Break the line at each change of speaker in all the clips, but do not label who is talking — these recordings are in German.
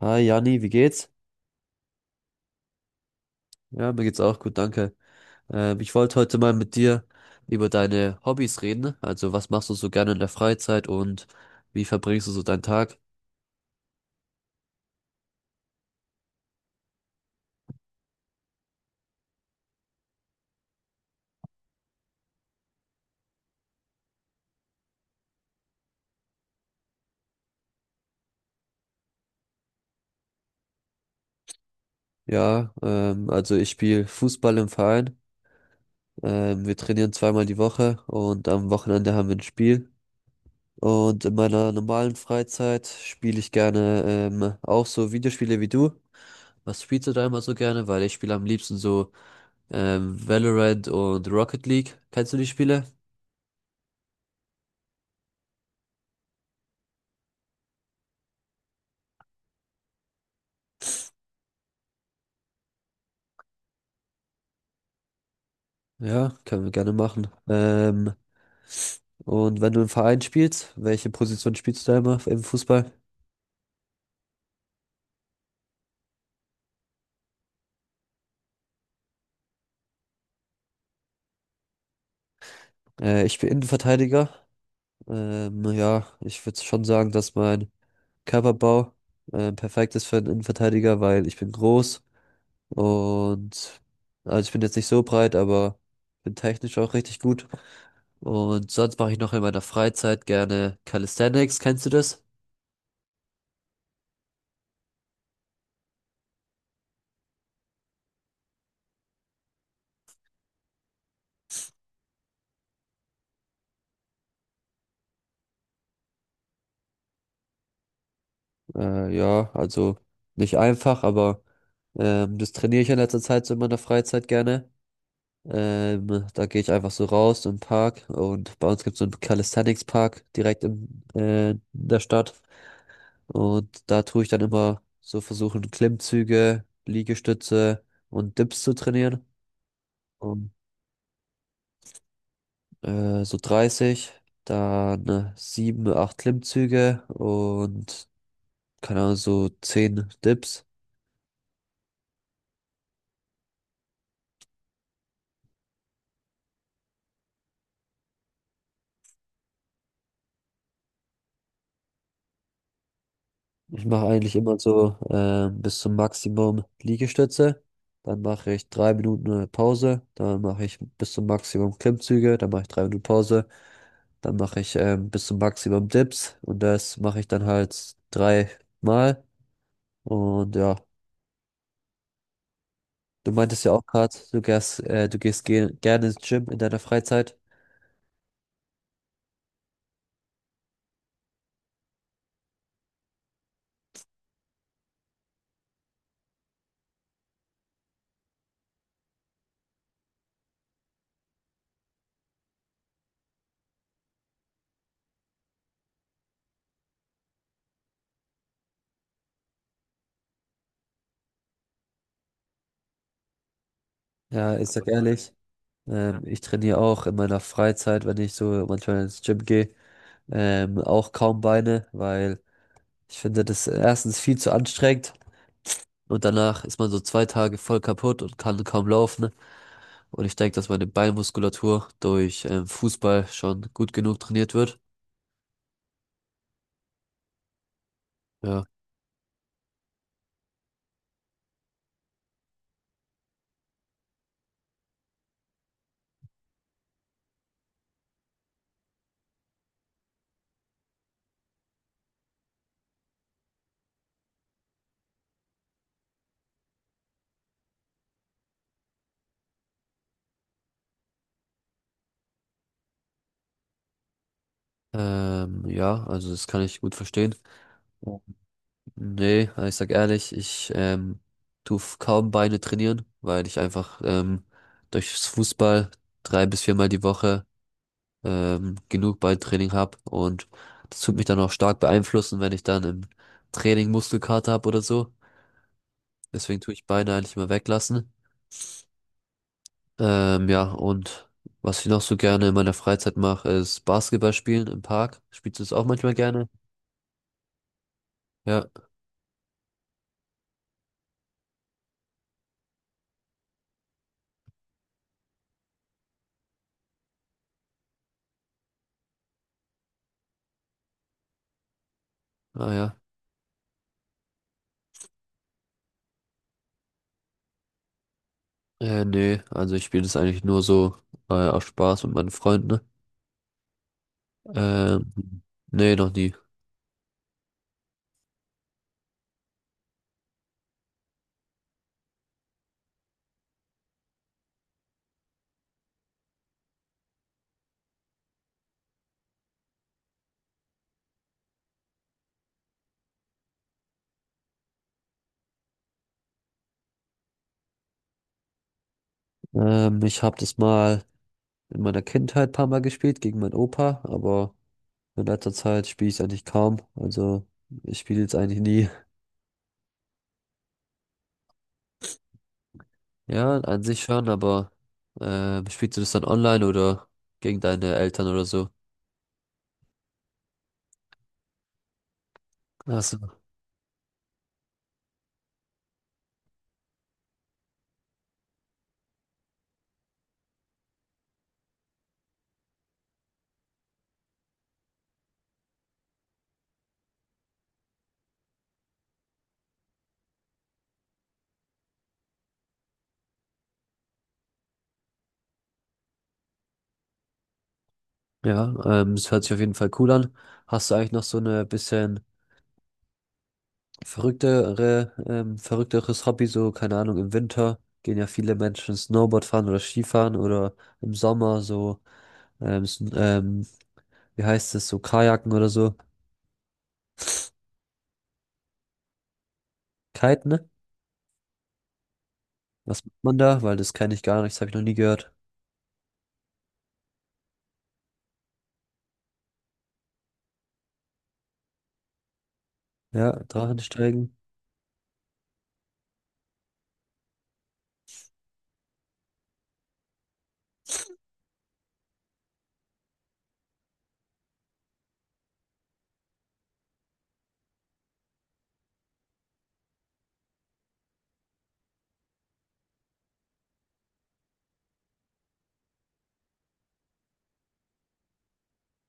Hi Jani, wie geht's? Ja, mir geht's auch gut, danke. Ich wollte heute mal mit dir über deine Hobbys reden. Also, was machst du so gerne in der Freizeit und wie verbringst du so deinen Tag? Ja, also ich spiele Fußball im Verein. Wir trainieren zweimal die Woche und am Wochenende haben wir ein Spiel. Und in meiner normalen Freizeit spiele ich gerne auch so Videospiele wie du. Was spielst du da immer so gerne? Weil ich spiele am liebsten so Valorant und Rocket League. Kennst du die Spiele? Ja, können wir gerne machen. Und wenn du im Verein spielst, welche Position spielst du da immer im Fußball? Ich bin Innenverteidiger. Ja, ich würde schon sagen, dass mein Körperbau perfekt ist für einen Innenverteidiger, weil ich bin groß und also ich bin jetzt nicht so breit, aber bin technisch auch richtig gut. Und sonst mache ich noch in meiner Freizeit gerne Calisthenics. Kennst du das? Ja, also nicht einfach, aber das trainiere ich in letzter Zeit so in meiner Freizeit gerne. Da gehe ich einfach so raus im Park und bei uns gibt es so einen Calisthenics-Park direkt in der Stadt. Und da tue ich dann immer so versuchen, Klimmzüge, Liegestütze und Dips zu trainieren. Und, so 30, dann 7, 8 Klimmzüge und keine Ahnung, so 10 Dips. Ich mache eigentlich immer so bis zum Maximum Liegestütze. Dann mache ich 3 Minuten eine Pause. Dann mache ich bis zum Maximum Klimmzüge. Dann mache ich drei Minuten Pause. Dann mache ich bis zum Maximum Dips. Und das mache ich dann halt dreimal. Und ja, du meintest ja auch gerade, du gehst ge gerne ins Gym in deiner Freizeit. Ja, ich sag ehrlich, ich trainiere auch in meiner Freizeit, wenn ich so manchmal ins Gym gehe, auch kaum Beine, weil ich finde das erstens viel zu anstrengend und danach ist man so 2 Tage voll kaputt und kann kaum laufen, ne? Und ich denke, dass meine Beinmuskulatur durch Fußball schon gut genug trainiert wird. Ja. Ja, also das kann ich gut verstehen. Ja. Nee, also ich sag ehrlich, ich tu kaum Beine trainieren, weil ich einfach durchs Fußball 3 bis 4 Mal die Woche genug Beintraining habe und das tut mich dann auch stark beeinflussen, wenn ich dann im Training Muskelkater habe oder so. Deswegen tue ich Beine eigentlich immer weglassen. Ja, und was ich noch so gerne in meiner Freizeit mache, ist Basketball spielen im Park. Spielst du das auch manchmal gerne? Ja, ah ja. Nee, also ich spiele das eigentlich nur so aus Spaß mit meinen Freunden, ne? Ähm, Nee, noch nie. Ich habe das mal in meiner Kindheit ein paar Mal gespielt gegen meinen Opa, aber in letzter Zeit spiele ich eigentlich kaum. Also ich spiele jetzt eigentlich nie. Ja, an sich schon, aber spielst du das dann online oder gegen deine Eltern oder so? Achso. Ja, es hört sich auf jeden Fall cool an. Hast du eigentlich noch so eine bisschen verrückteres Hobby, so, keine Ahnung, im Winter gehen ja viele Menschen Snowboard fahren oder Skifahren oder im Sommer so, ähm, s- ähm, wie heißt es, so Kajaken oder so. Kiten, ne? Was macht man da? Weil das kenne ich gar nicht, das habe ich noch nie gehört. Ja, Drachensteigen.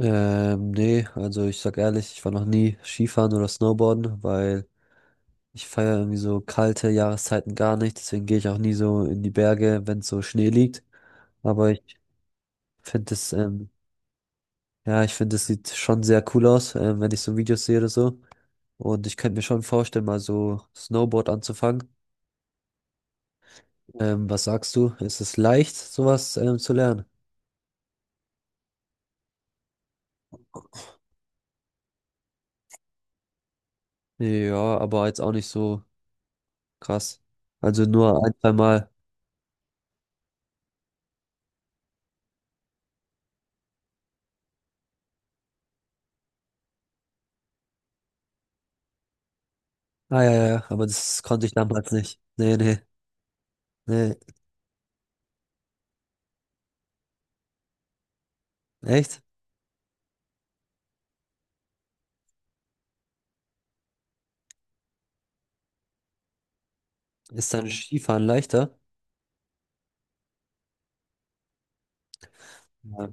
Nee, also ich sag ehrlich, ich war noch nie Skifahren oder Snowboarden, weil ich feiere irgendwie so kalte Jahreszeiten gar nicht. Deswegen gehe ich auch nie so in die Berge, wenn so Schnee liegt. Aber ich finde es, ja, ich finde, es sieht schon sehr cool aus, wenn ich so Videos sehe oder so. Und ich könnte mir schon vorstellen, mal so Snowboard anzufangen. Was sagst du? Ist es leicht, sowas zu lernen? Ja, aber jetzt auch nicht so krass. Also nur ein, zwei Mal. Ah ja, ja, ja, aber das konnte ich damals nicht. Nee. Echt? Ist dann Skifahren leichter? Ja.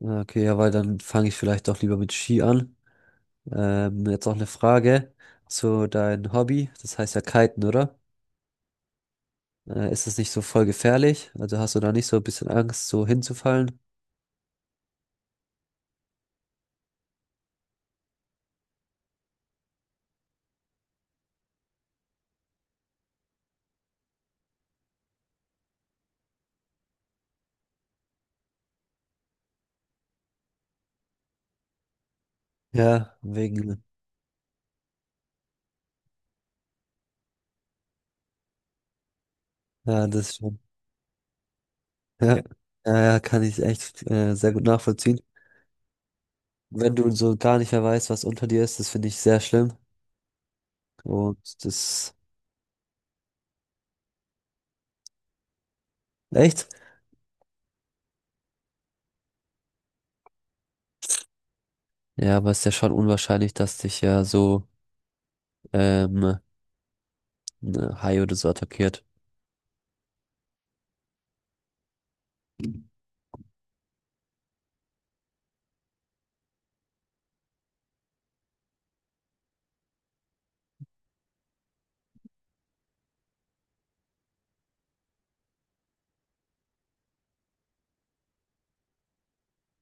Ja, okay, ja, weil dann fange ich vielleicht doch lieber mit Ski an. Jetzt noch eine Frage zu deinem Hobby. Das heißt ja Kiten, oder? Ist das nicht so voll gefährlich? Also hast du da nicht so ein bisschen Angst, so hinzufallen? Ja, wegen, ja, das schon. Ja, ja, ja, kann ich echt sehr gut nachvollziehen. Wenn du so gar nicht mehr weißt, was unter dir ist, das finde ich sehr schlimm. Und das, echt? Ja, aber ist ja schon unwahrscheinlich, dass dich ja so ähm, ein Hai oder so attackiert.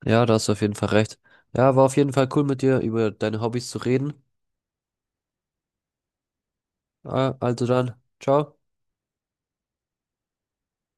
Ja, da hast du auf jeden Fall recht. Ja, war auf jeden Fall cool mit dir über deine Hobbys zu reden. Ah, also dann, ciao.